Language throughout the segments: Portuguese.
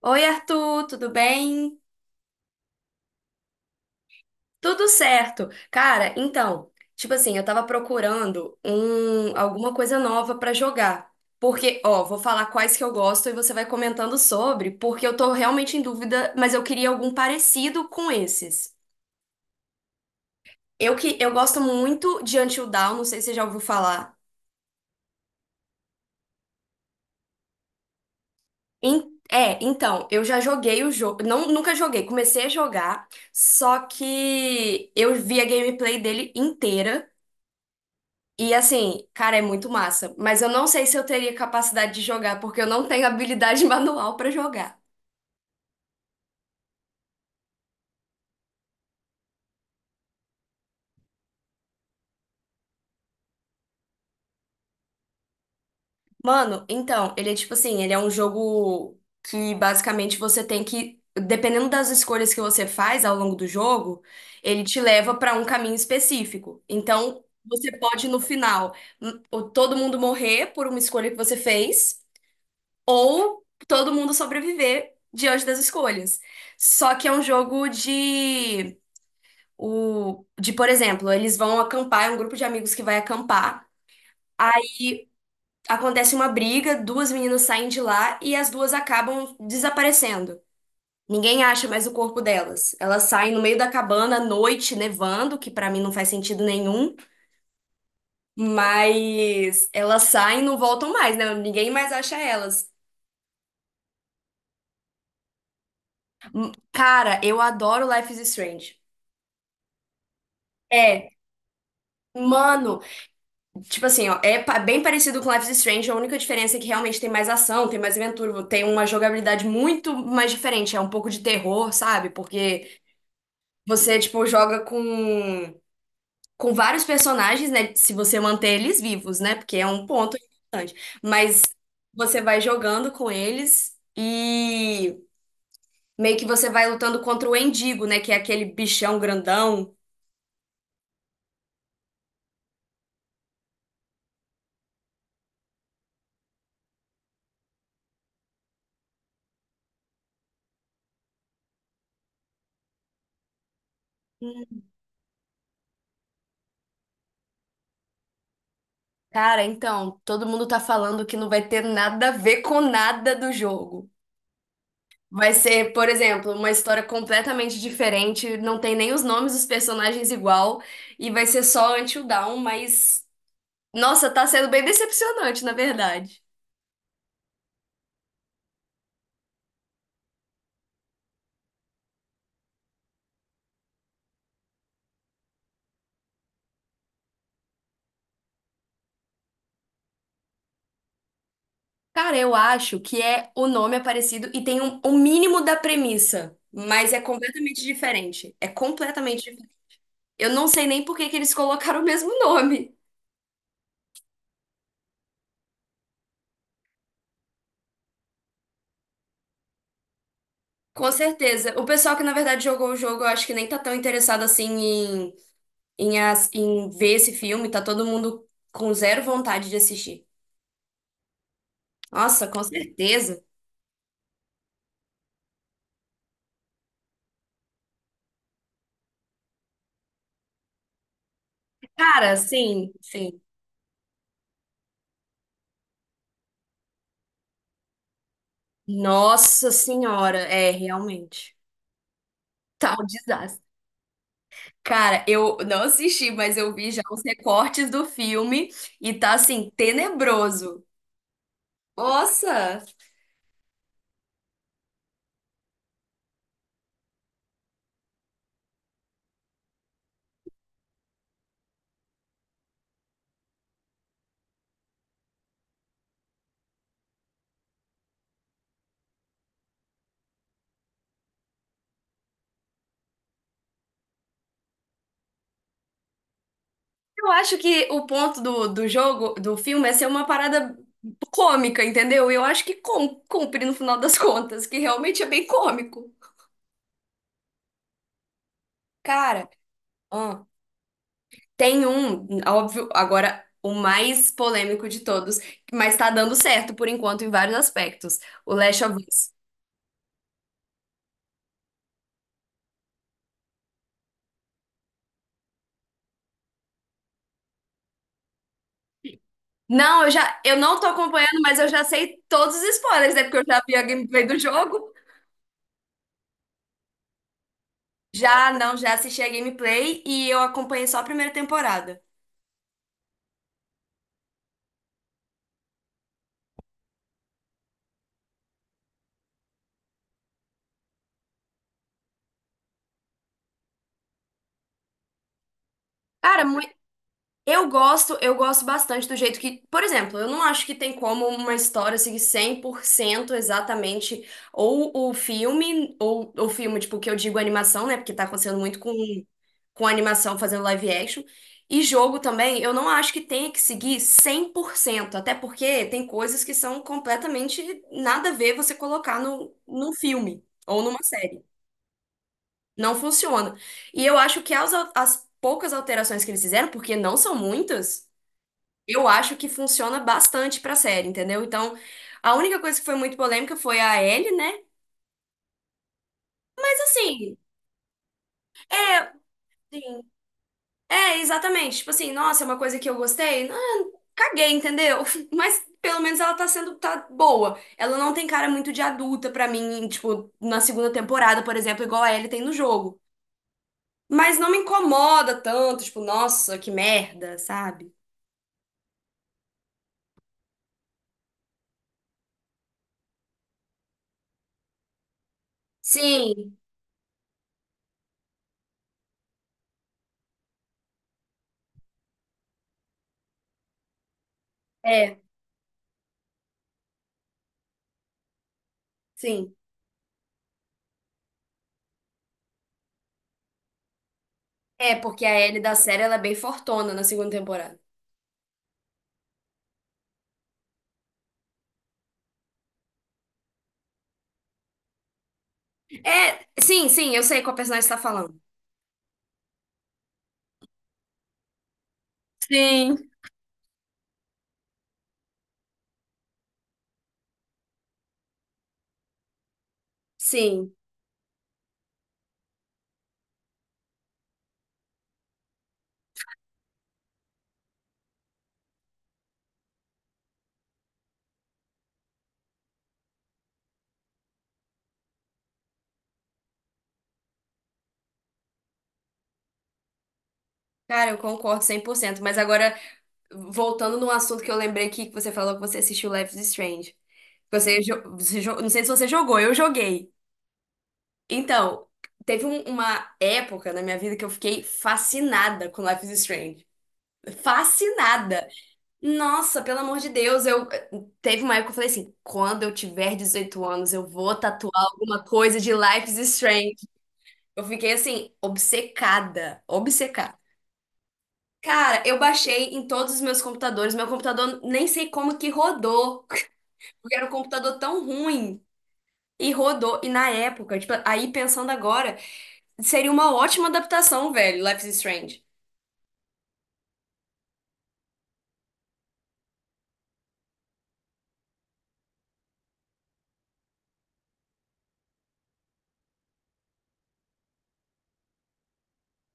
Oi, Arthur, tudo bem? Tudo certo. Cara, então, tipo assim, eu tava procurando alguma coisa nova pra jogar. Porque, ó, vou falar quais que eu gosto e você vai comentando sobre, porque eu tô realmente em dúvida, mas eu queria algum parecido com esses. Eu que eu gosto muito de Until Dawn, não sei se você já ouviu falar. Então, eu já joguei o jogo, não, nunca joguei, comecei a jogar, só que eu vi a gameplay dele inteira. E assim, cara, é muito massa. Mas eu não sei se eu teria capacidade de jogar, porque eu não tenho habilidade manual pra jogar. Mano, então, ele é tipo assim, ele é um jogo que basicamente você tem que, dependendo das escolhas que você faz ao longo do jogo, ele te leva pra um caminho específico. Então, você pode no final, ou todo mundo morrer por uma escolha que você fez, ou todo mundo sobreviver diante das escolhas. Só que é um jogo de o de, por exemplo, eles vão acampar, é um grupo de amigos que vai acampar. Aí acontece uma briga, duas meninas saem de lá e as duas acabam desaparecendo. Ninguém acha mais o corpo delas. Elas saem no meio da cabana à noite, nevando, que pra mim não faz sentido nenhum, mas elas saem e não voltam mais, né? Ninguém mais acha elas. Cara, eu adoro Life is Strange. É, mano, tipo assim, ó, bem parecido com Life is Strange, é a única diferença é que realmente tem mais ação, tem mais aventura, tem uma jogabilidade muito mais diferente, é um pouco de terror, sabe? Porque você, tipo, joga com vários personagens, né? Se você manter eles vivos, né? Porque é um ponto importante. Mas você vai jogando com eles e meio que você vai lutando contra o Endigo, né? Que é aquele bichão grandão. Cara, então, todo mundo tá falando que não vai ter nada a ver com nada do jogo. Vai ser, por exemplo, uma história completamente diferente, não tem nem os nomes dos personagens igual, e vai ser só Until Dawn, mas nossa, tá sendo bem decepcionante, na verdade. Cara, eu acho que é o nome é parecido e tem um mínimo da premissa, mas é completamente diferente. É completamente diferente. Eu não sei nem por que que eles colocaram o mesmo nome. Com certeza. O pessoal que na verdade jogou o jogo, eu acho que nem tá tão interessado assim em, em ver esse filme, tá todo mundo com zero vontade de assistir. Nossa, com certeza. Cara, sim, sim. Nossa Senhora, é, realmente. Tá um desastre. Cara, eu não assisti, mas eu vi já os recortes do filme e tá assim, tenebroso. Nossa! Eu acho que o ponto do, do jogo, do filme, é ser uma parada cômica, entendeu? E eu acho que cumpre no final das contas, que realmente é bem cômico. Cara, tem um, óbvio, agora o mais polêmico de todos, mas tá dando certo por enquanto em vários aspectos. O Last of Us. Não, eu não tô acompanhando, mas eu já sei todos os spoilers, é porque eu já vi a gameplay do jogo. Já, não, já assisti a gameplay e eu acompanhei só a primeira temporada. Cara, mu- eu gosto bastante do jeito que, por exemplo, eu não acho que tem como uma história seguir 100% exatamente ou o filme, tipo, que eu digo animação, né? Porque tá acontecendo muito com animação fazendo live action. E jogo também, eu não acho que tenha que seguir 100% até porque tem coisas que são completamente nada a ver você colocar no, num filme ou numa série. Não funciona. E eu acho que as poucas alterações que eles fizeram, porque não são muitas. Eu acho que funciona bastante pra série, entendeu? Então, a única coisa que foi muito polêmica foi a Ellie, né? Mas assim, é, sim, é exatamente. Tipo assim, nossa, é uma coisa que eu gostei. Ah, caguei, entendeu? Mas pelo menos ela tá sendo tá boa. Ela não tem cara muito de adulta pra mim, tipo, na segunda temporada, por exemplo, igual a Ellie tem no jogo. Mas não me incomoda tanto, tipo, nossa, que merda, sabe? Sim, é, sim. É, porque a Ellie da série ela é bem fortona na segunda temporada. É, sim, sim, eu sei qual personagem você tá falando. Sim. Sim, cara, eu concordo 100%. Mas agora, voltando num assunto que eu lembrei aqui, que você falou que você assistiu Life is Strange. Não sei se você jogou, eu joguei. Então, uma época na minha vida que eu fiquei fascinada com Life is Strange. Fascinada! Nossa, pelo amor de Deus, eu teve uma época que eu falei assim, quando eu tiver 18 anos, eu vou tatuar alguma coisa de Life is Strange. Eu fiquei assim, obcecada, obcecada. Cara, eu baixei em todos os meus computadores. Meu computador nem sei como que rodou. Porque era um computador tão ruim. E rodou. E na época, tipo, aí pensando agora, seria uma ótima adaptação, velho, Life is Strange.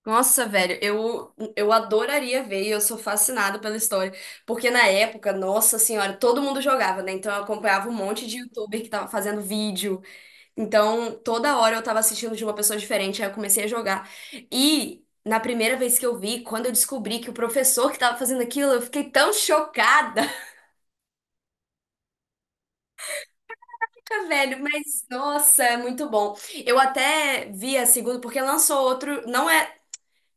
Nossa, velho, eu adoraria ver e eu sou fascinada pela história. Porque na época, nossa senhora, todo mundo jogava, né? Então eu acompanhava um monte de youtuber que tava fazendo vídeo. Então, toda hora eu tava assistindo de uma pessoa diferente, aí eu comecei a jogar. E na primeira vez que eu vi, quando eu descobri que o professor que tava fazendo aquilo, eu fiquei tão chocada. Ah, velho, mas nossa, é muito bom. Eu até vi a segunda, porque lançou outro, não é,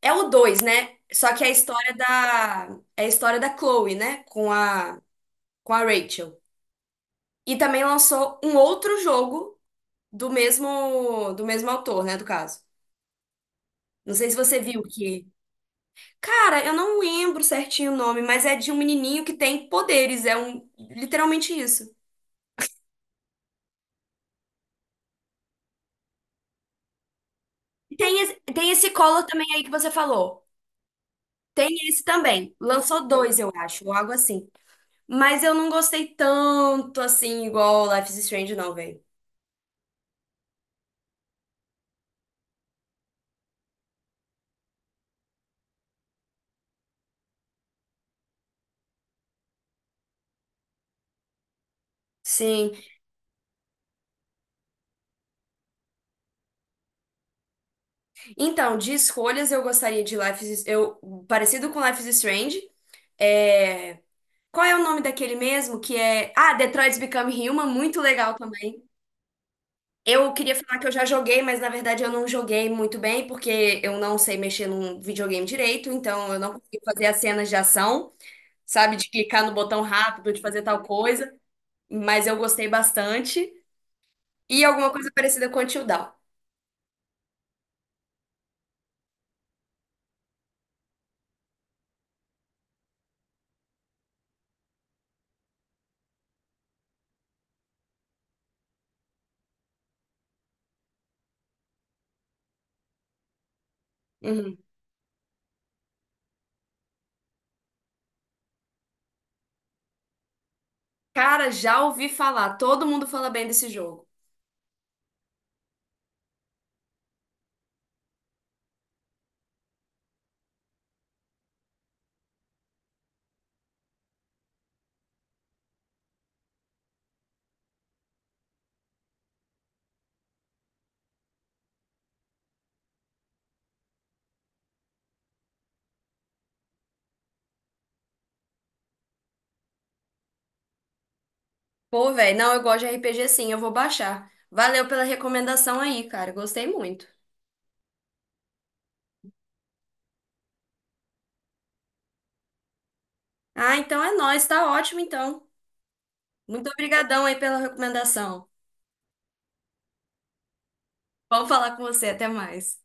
é o dois né? Só que é a história da, é a história da Chloe, né? Com a Rachel. E também lançou um outro jogo do mesmo autor, né? Do caso. Não sei se você viu que cara, eu não lembro certinho o nome, mas é de um menininho que tem poderes, é um literalmente isso. E tem esse, tem esse Collor também aí que você falou. Tem esse também. Lançou dois, eu acho, ou algo assim. Mas eu não gostei tanto assim, igual Life is Strange, não, velho. Sim. Então, de escolhas eu gostaria de eu parecido com Life is Strange. É... Qual é o nome daquele mesmo que é? Ah, Detroit's Become Human, muito legal também. Eu queria falar que eu já joguei, mas na verdade eu não joguei muito bem, porque eu não sei mexer num videogame direito, então eu não consigo fazer as cenas de ação, sabe? De clicar no botão rápido, de fazer tal coisa, mas eu gostei bastante. E alguma coisa parecida com Until Dawn. Uhum. Cara, já ouvi falar, todo mundo fala bem desse jogo. Pô, velho, não, eu gosto de RPG sim, eu vou baixar. Valeu pela recomendação aí, cara, gostei muito. Ah, então é nóis, tá ótimo então. Muito obrigadão aí pela recomendação. Vamos falar com você, até mais.